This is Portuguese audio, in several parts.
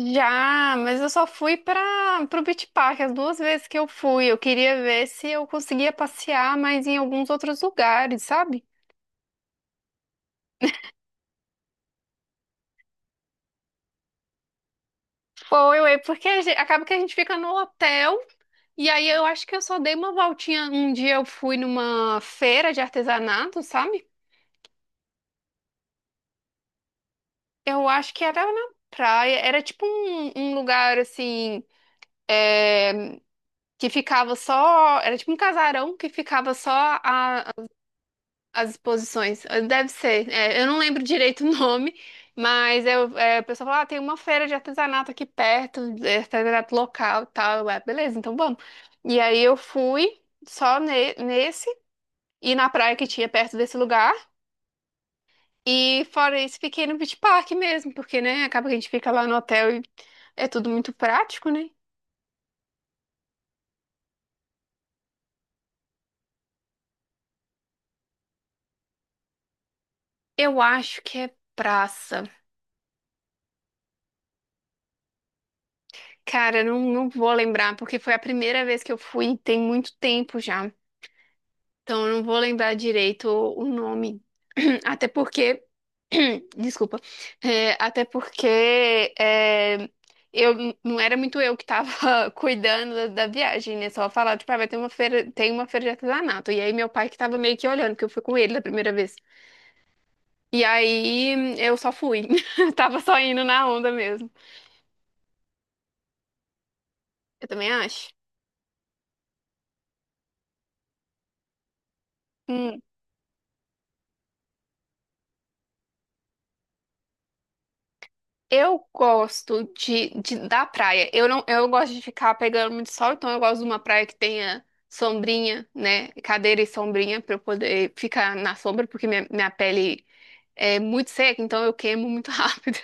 Já, mas eu só fui para o Beach Park as duas vezes que eu fui. Eu queria ver se eu conseguia passear mais em alguns outros lugares, sabe? Foi, ué, porque acaba que a gente fica no hotel e aí eu acho que eu só dei uma voltinha. Um dia eu fui numa feira de artesanato, sabe? Eu acho que era na praia, era tipo um lugar assim, é, que ficava só, era tipo um casarão que ficava só as exposições. Deve ser. É, eu não lembro direito o nome, mas o pessoal fala, ah, tem uma feira de artesanato aqui perto, é, artesanato local e tal. Eu, "Ah, beleza, então vamos." E aí eu fui só nesse e na praia que tinha perto desse lugar. E fora isso, fiquei no Beach Park mesmo, porque, né, acaba que a gente fica lá no hotel e é tudo muito prático, né? Eu acho que é praça. Cara, eu não vou lembrar, porque foi a primeira vez que eu fui, tem muito tempo já. Então, eu não vou lembrar direito o nome. Até porque, desculpa, É, até porque é, eu não era muito eu que tava cuidando da viagem, né? Só falar, tipo, ah, vai ter uma feira, tem uma feira de artesanato. E aí meu pai que tava meio que olhando, que eu fui com ele da primeira vez. E aí eu só fui. Tava só indo na onda mesmo. Eu também acho. Hum. Eu gosto da praia. Eu não, eu gosto de ficar pegando muito sol, então eu gosto de uma praia que tenha sombrinha, né? Cadeira e sombrinha para eu poder ficar na sombra, porque minha pele é muito seca, então eu queimo muito rápido.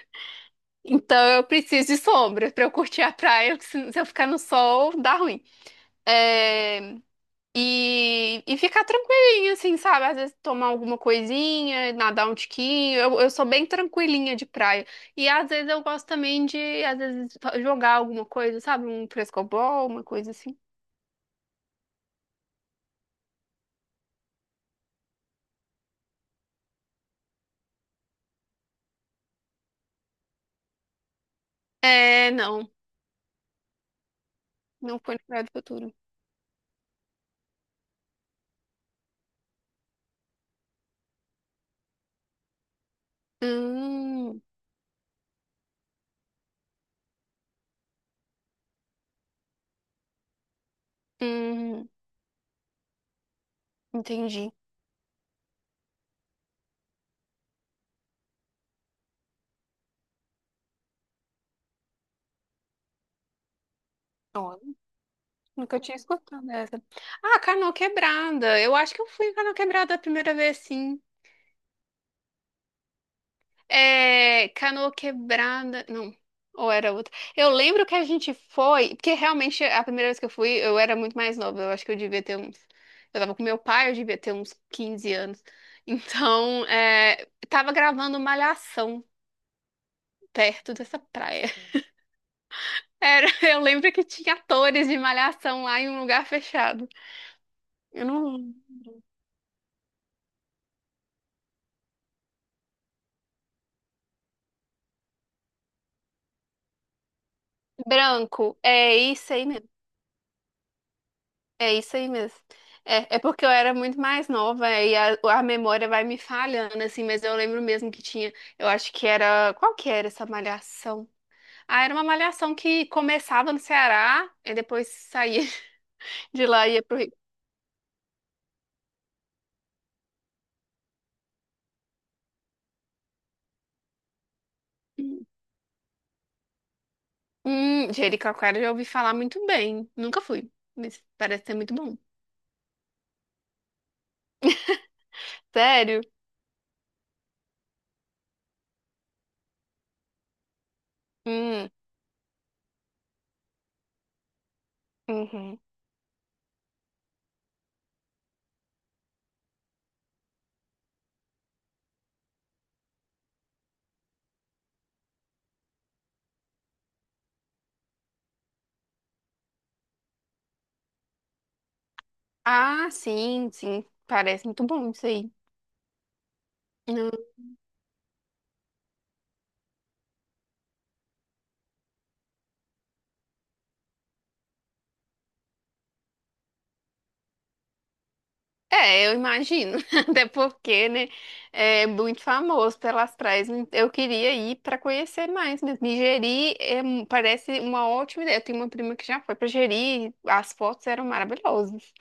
Então eu preciso de sombra para eu curtir a praia, porque se eu ficar no sol, dá ruim. É, e ficar tranquilinha, assim, sabe? Às vezes tomar alguma coisinha, nadar um tiquinho. Eu sou bem tranquilinha de praia. E às vezes eu gosto também de, às vezes, jogar alguma coisa, sabe? Um frescobol, uma coisa assim. É, não. Não foi no Praia do Futuro. Hum, hum, entendi. Ó, nunca tinha escutado essa. Ah, Canoa Quebrada. Eu acho que eu fui em Canoa Quebrada a primeira vez, sim. É, Canoa Quebrada. Não, ou era outra. Eu lembro que a gente foi, porque realmente a primeira vez que eu fui, eu era muito mais nova. Eu acho que eu devia ter uns. Eu tava com meu pai, eu devia ter uns 15 anos. Então, é, tava gravando Malhação perto dessa praia. Era, eu lembro que tinha atores de Malhação lá em um lugar fechado. Eu não. Branco, é isso aí mesmo. É isso aí mesmo. É, é porque eu era muito mais nova é, e a memória vai me falhando, assim, mas eu lembro mesmo que tinha. Eu acho que era. Qual que era essa malhação? Ah, era uma malhação que começava no Ceará e depois saía de lá e ia pro Rio. Jericoacoara eu já ouvi falar muito bem. Nunca fui, mas parece ser muito bom. Sério? Hum, uhum. Ah, sim, sim. Parece muito bom isso aí. É, eu imagino. Até porque, né, é muito famoso pelas praias, né. Eu queria ir para conhecer mais mesmo. E Jeri é parece uma ótima ideia. Eu tenho uma prima que já foi para Jeri, as fotos eram maravilhosas.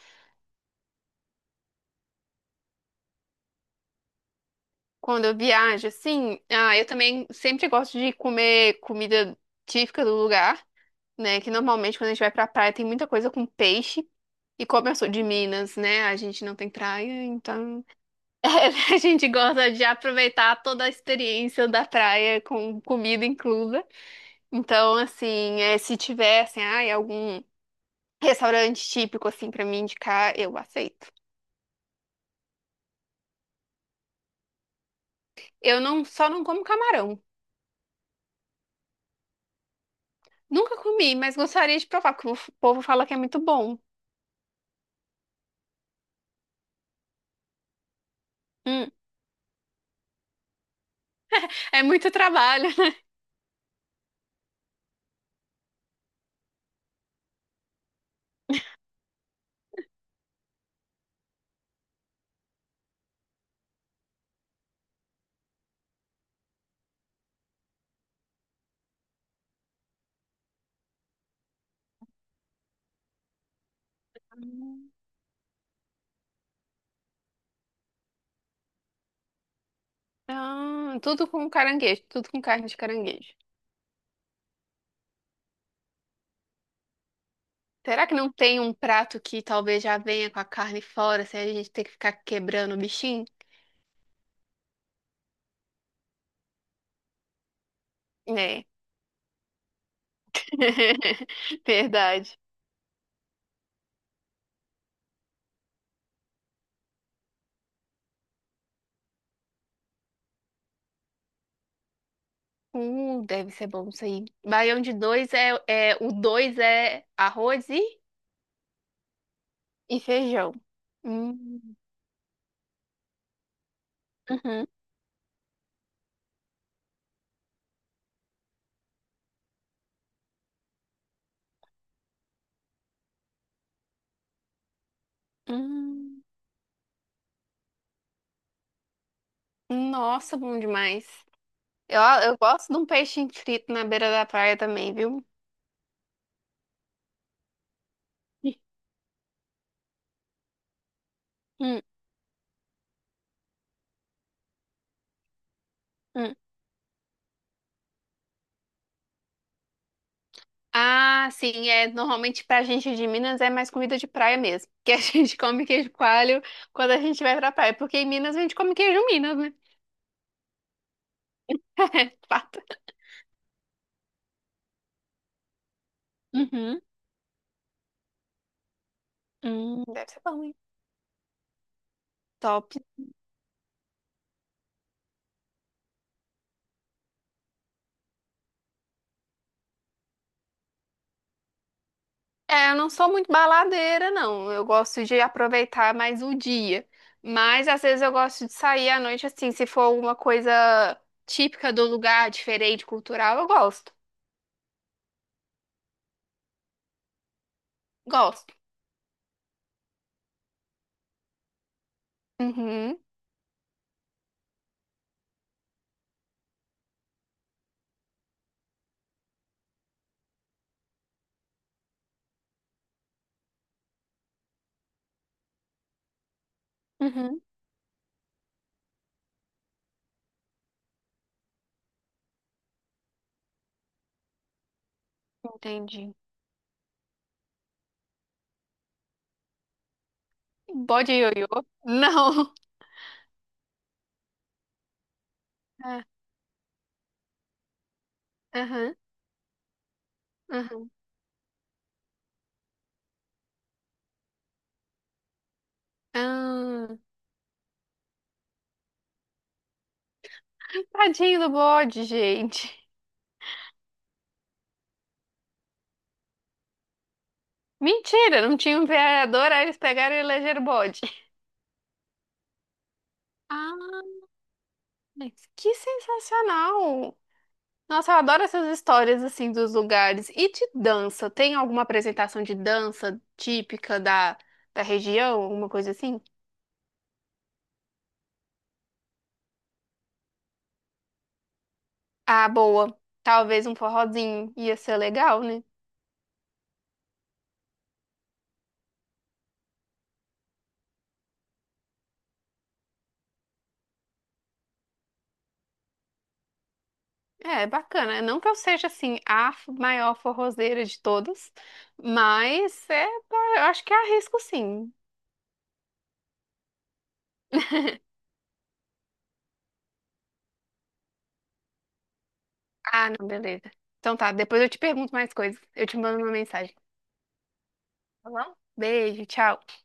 Quando eu viajo, assim, ah, eu também sempre gosto de comer comida típica do lugar, né? Que normalmente quando a gente vai pra praia tem muita coisa com peixe. E como eu sou de Minas, né, a gente não tem praia, então a gente gosta de aproveitar toda a experiência da praia com comida inclusa. Então, assim, é, se tiver assim, ai, algum restaurante típico assim para me indicar, eu aceito. Eu não, só não como camarão. Nunca comi, mas gostaria de provar, porque o povo fala que é muito bom. Hum, é muito trabalho. Ah, tudo com caranguejo, tudo com carne de caranguejo. Será que não tem um prato que talvez já venha com a carne fora, se a gente ter que ficar quebrando o bichinho? É, verdade. Deve ser bom isso aí. Baião de dois é, é o dois é arroz e feijão. Hum, uhum, hum. Nossa, bom demais. Eu gosto de um peixinho frito na beira da praia também, viu? Hum, hum. Ah, sim, é normalmente pra gente de Minas é mais comida de praia mesmo, que a gente come queijo coalho quando a gente vai pra praia, porque em Minas a gente come queijo Minas, né? É, fato. Uhum. Deve ser bom. Top. É, eu não sou muito baladeira, não. Eu gosto de aproveitar mais o dia. Mas às vezes eu gosto de sair à noite, assim, se for alguma coisa típica do lugar, diferente, cultural, eu gosto. Gosto. Uhum, uhum. Entendi. Bode ioiô? Não. Ah, aham, aham. Ah, tadinho do bode, gente. Mentira, não tinha um vereador, aí eles pegaram e elegeram o bode. Ah, mas que sensacional! Nossa, eu adoro essas histórias assim dos lugares. E de dança, tem alguma apresentação de dança típica da região, alguma coisa assim? Ah, boa. Talvez um forrozinho ia ser legal, né? É, bacana. Não que eu seja assim a maior forrozeira de todas, mas é, eu acho que arrisco sim. Ah, não, beleza. Então tá, depois eu te pergunto mais coisas. Eu te mando uma mensagem, tá bom? Beijo, tchau.